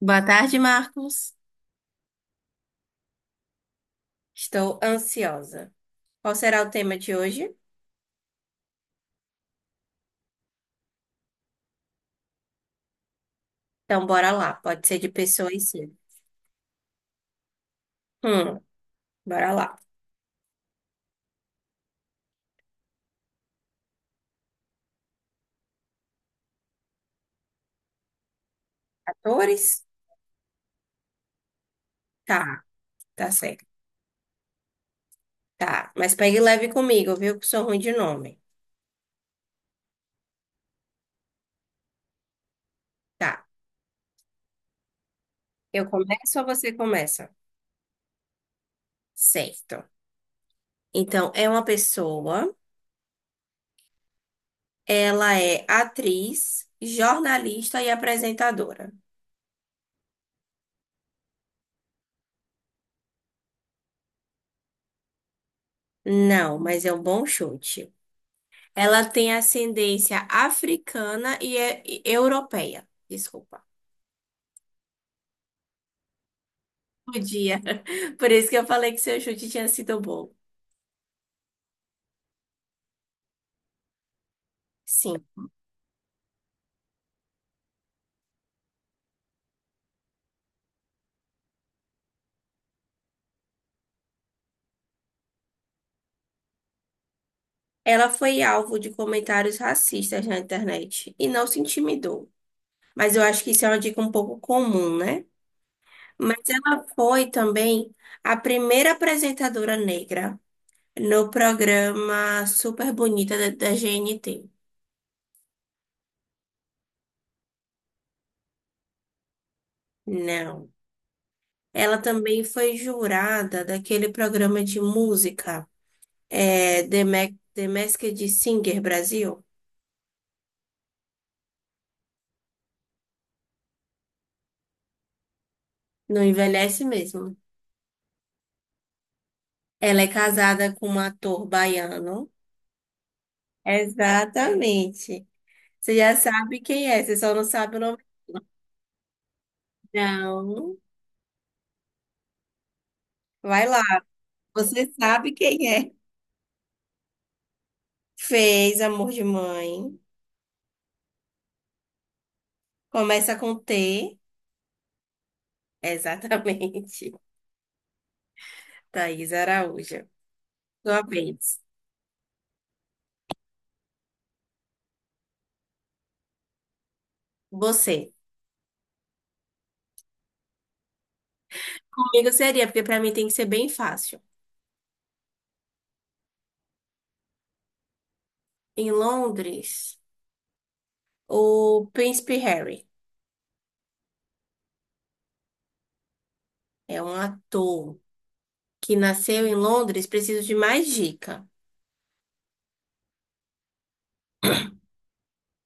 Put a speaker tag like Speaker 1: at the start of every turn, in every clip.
Speaker 1: Boa tarde, Marcos. Estou ansiosa. Qual será o tema de hoje? Então, bora lá. Pode ser de pessoas, sim. Hum, bora lá. Atores? Tá, tá certo. Tá, mas pegue leve comigo, viu? Que sou ruim de nome. Tá. Eu começo ou você começa? Certo. Então, é uma pessoa. Ela é atriz, jornalista e apresentadora. Não, mas é um bom chute. Ela tem ascendência africana e, e europeia. Desculpa. Podia. Por isso que eu falei que seu chute tinha sido bom. Sim. Ela foi alvo de comentários racistas na internet e não se intimidou. Mas eu acho que isso é uma dica um pouco comum, né? Mas ela foi também a primeira apresentadora negra no programa Super Bonita da GNT. Não. Ela também foi jurada daquele programa de música. É, The Masked Singer Brasil. Não envelhece mesmo. Ela é casada com um ator baiano. Exatamente. Você já sabe quem é, você só não sabe o nome. Não. Vai lá. Você sabe quem é. Fez Amor de Mãe. Começa com T. Exatamente. Thaís Araújo. Sua vez. Você. Comigo seria, porque para mim tem que ser bem fácil. Em Londres, o Príncipe Harry. É um ator que nasceu em Londres. Preciso de mais dica.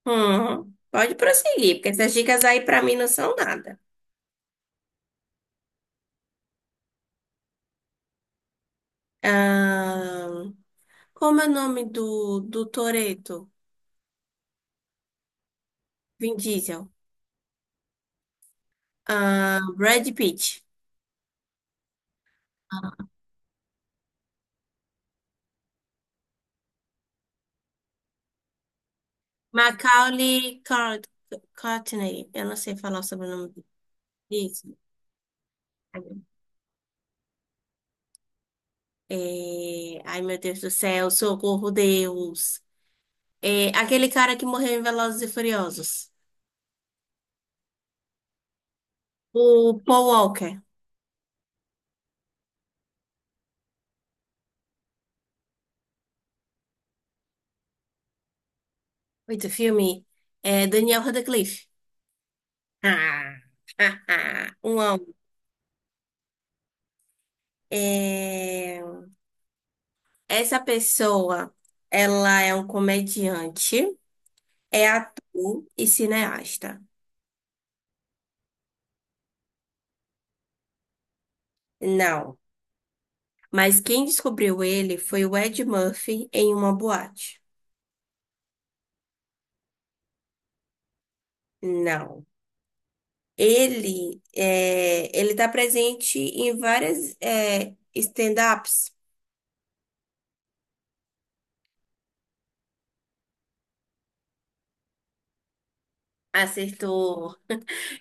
Speaker 1: Pode prosseguir, porque essas dicas aí pra mim não são nada. Ahn, Como é o nome do, do Toretto? Vin Diesel. Brad Pitt. Macaulay Car- Courtney. Eu não sei falar sobre o sobrenome dele. Isso. É, ai, meu Deus do céu, socorro, Deus. É, aquele cara que morreu em Velozes e Furiosos. O Paul Walker. Oito filme. É Daniel Radcliffe. Ah, um a um. É, essa pessoa, ela é um comediante, é ator e cineasta. Não. Mas quem descobriu ele foi o Ed Murphy em uma boate. Não. Ele é... ele está presente em várias stand-ups. Acertou.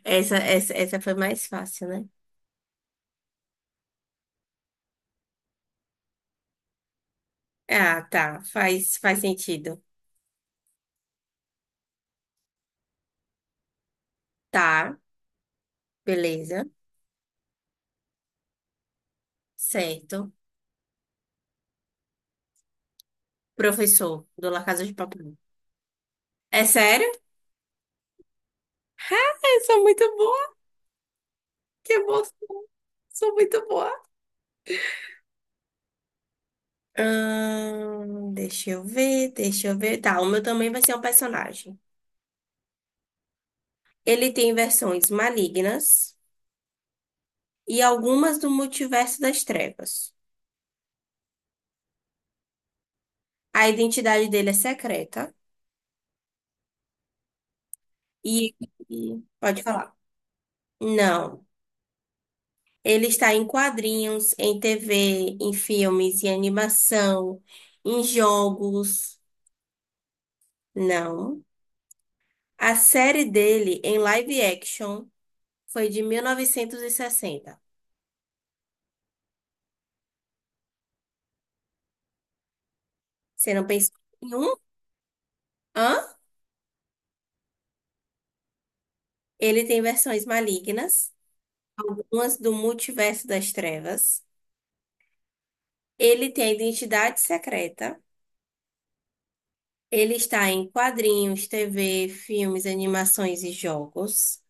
Speaker 1: Essa foi mais fácil, né? Ah, tá. Faz sentido. Tá, beleza. Certo. Professor do La Casa de Papel. É sério? Ah, eu sou muito boa. Que emoção. Sou muito boa. Deixa eu ver, deixa eu ver. Tá, o meu também vai ser um personagem. Ele tem versões malignas e algumas do multiverso das trevas. A identidade dele é secreta e... Pode falar. Não. Ele está em quadrinhos, em TV, em filmes, em animação, em jogos. Não. A série dele em live action foi de 1960. Você não pensou em um? Hã? Ele tem versões malignas, algumas do multiverso das trevas. Ele tem a identidade secreta. Ele está em quadrinhos, TV, filmes, animações e jogos.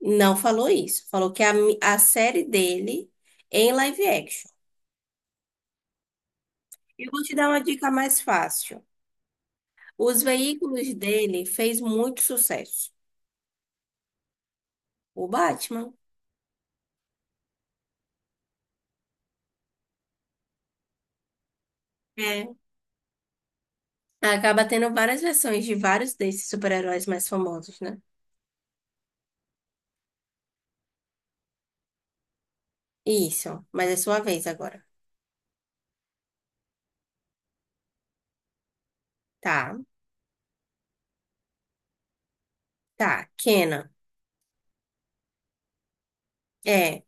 Speaker 1: Não falou isso. Falou que a série dele é em live action. Eu vou te dar uma dica mais fácil. Os veículos dele fez muito sucesso. O Batman. É. Acaba tendo várias versões de vários desses super-heróis mais famosos, né? Isso. Mas é sua vez agora. Tá. Tá. Kenan. É.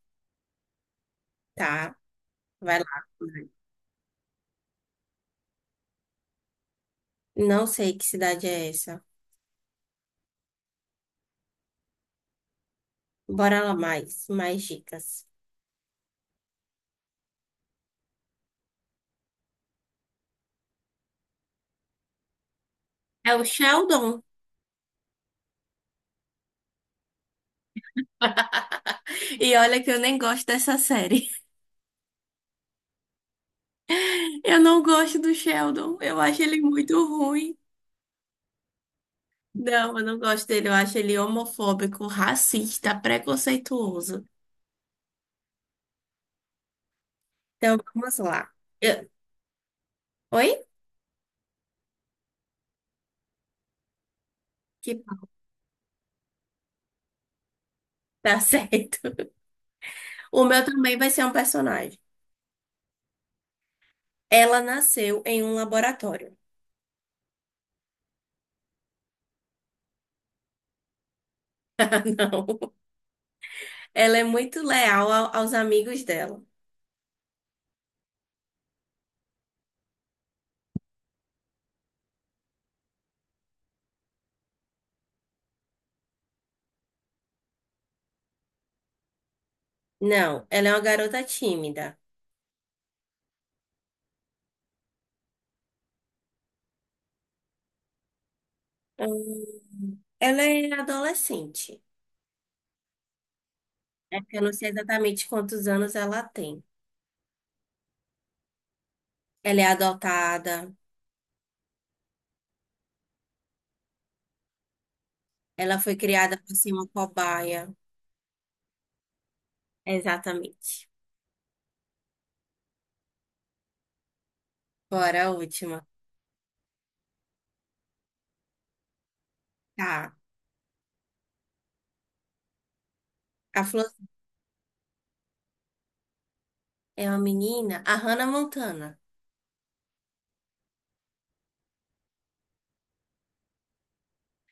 Speaker 1: Tá. Vai lá. Não sei que cidade é essa. Bora lá mais. Mais dicas. É o Sheldon. E olha que eu nem gosto dessa série. Eu não gosto do Sheldon. Eu acho ele muito ruim. Não, eu não gosto dele. Eu acho ele homofóbico, racista, preconceituoso. Então, vamos lá. Eu- Oi? Que tá certo. O meu também vai ser um personagem. Ela nasceu em um laboratório. Ah, não. Ela é muito leal aos amigos dela. Não, ela é uma garota tímida. Ela é adolescente. É que eu não sei exatamente quantos anos ela tem. Ela é adotada. Ela foi criada por ser uma cobaia. Exatamente. Bora a última. Tá. A Flor é uma menina. A Hannah Montana.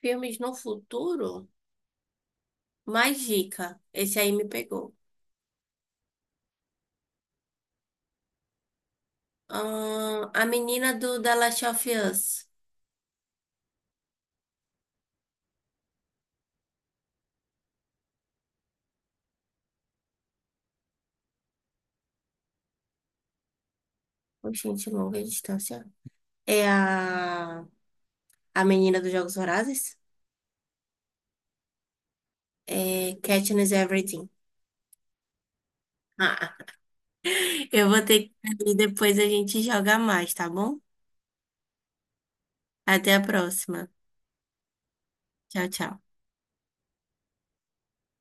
Speaker 1: Filmes no futuro? Mais dica. Esse aí me pegou. A menina do The Last of Us. Ô, gente, longa distância. É a menina dos Jogos Vorazes? É Katniss Everdeen. Ah, eu vou ter que ir depois a gente joga mais, tá bom? Até a próxima. Tchau, tchau.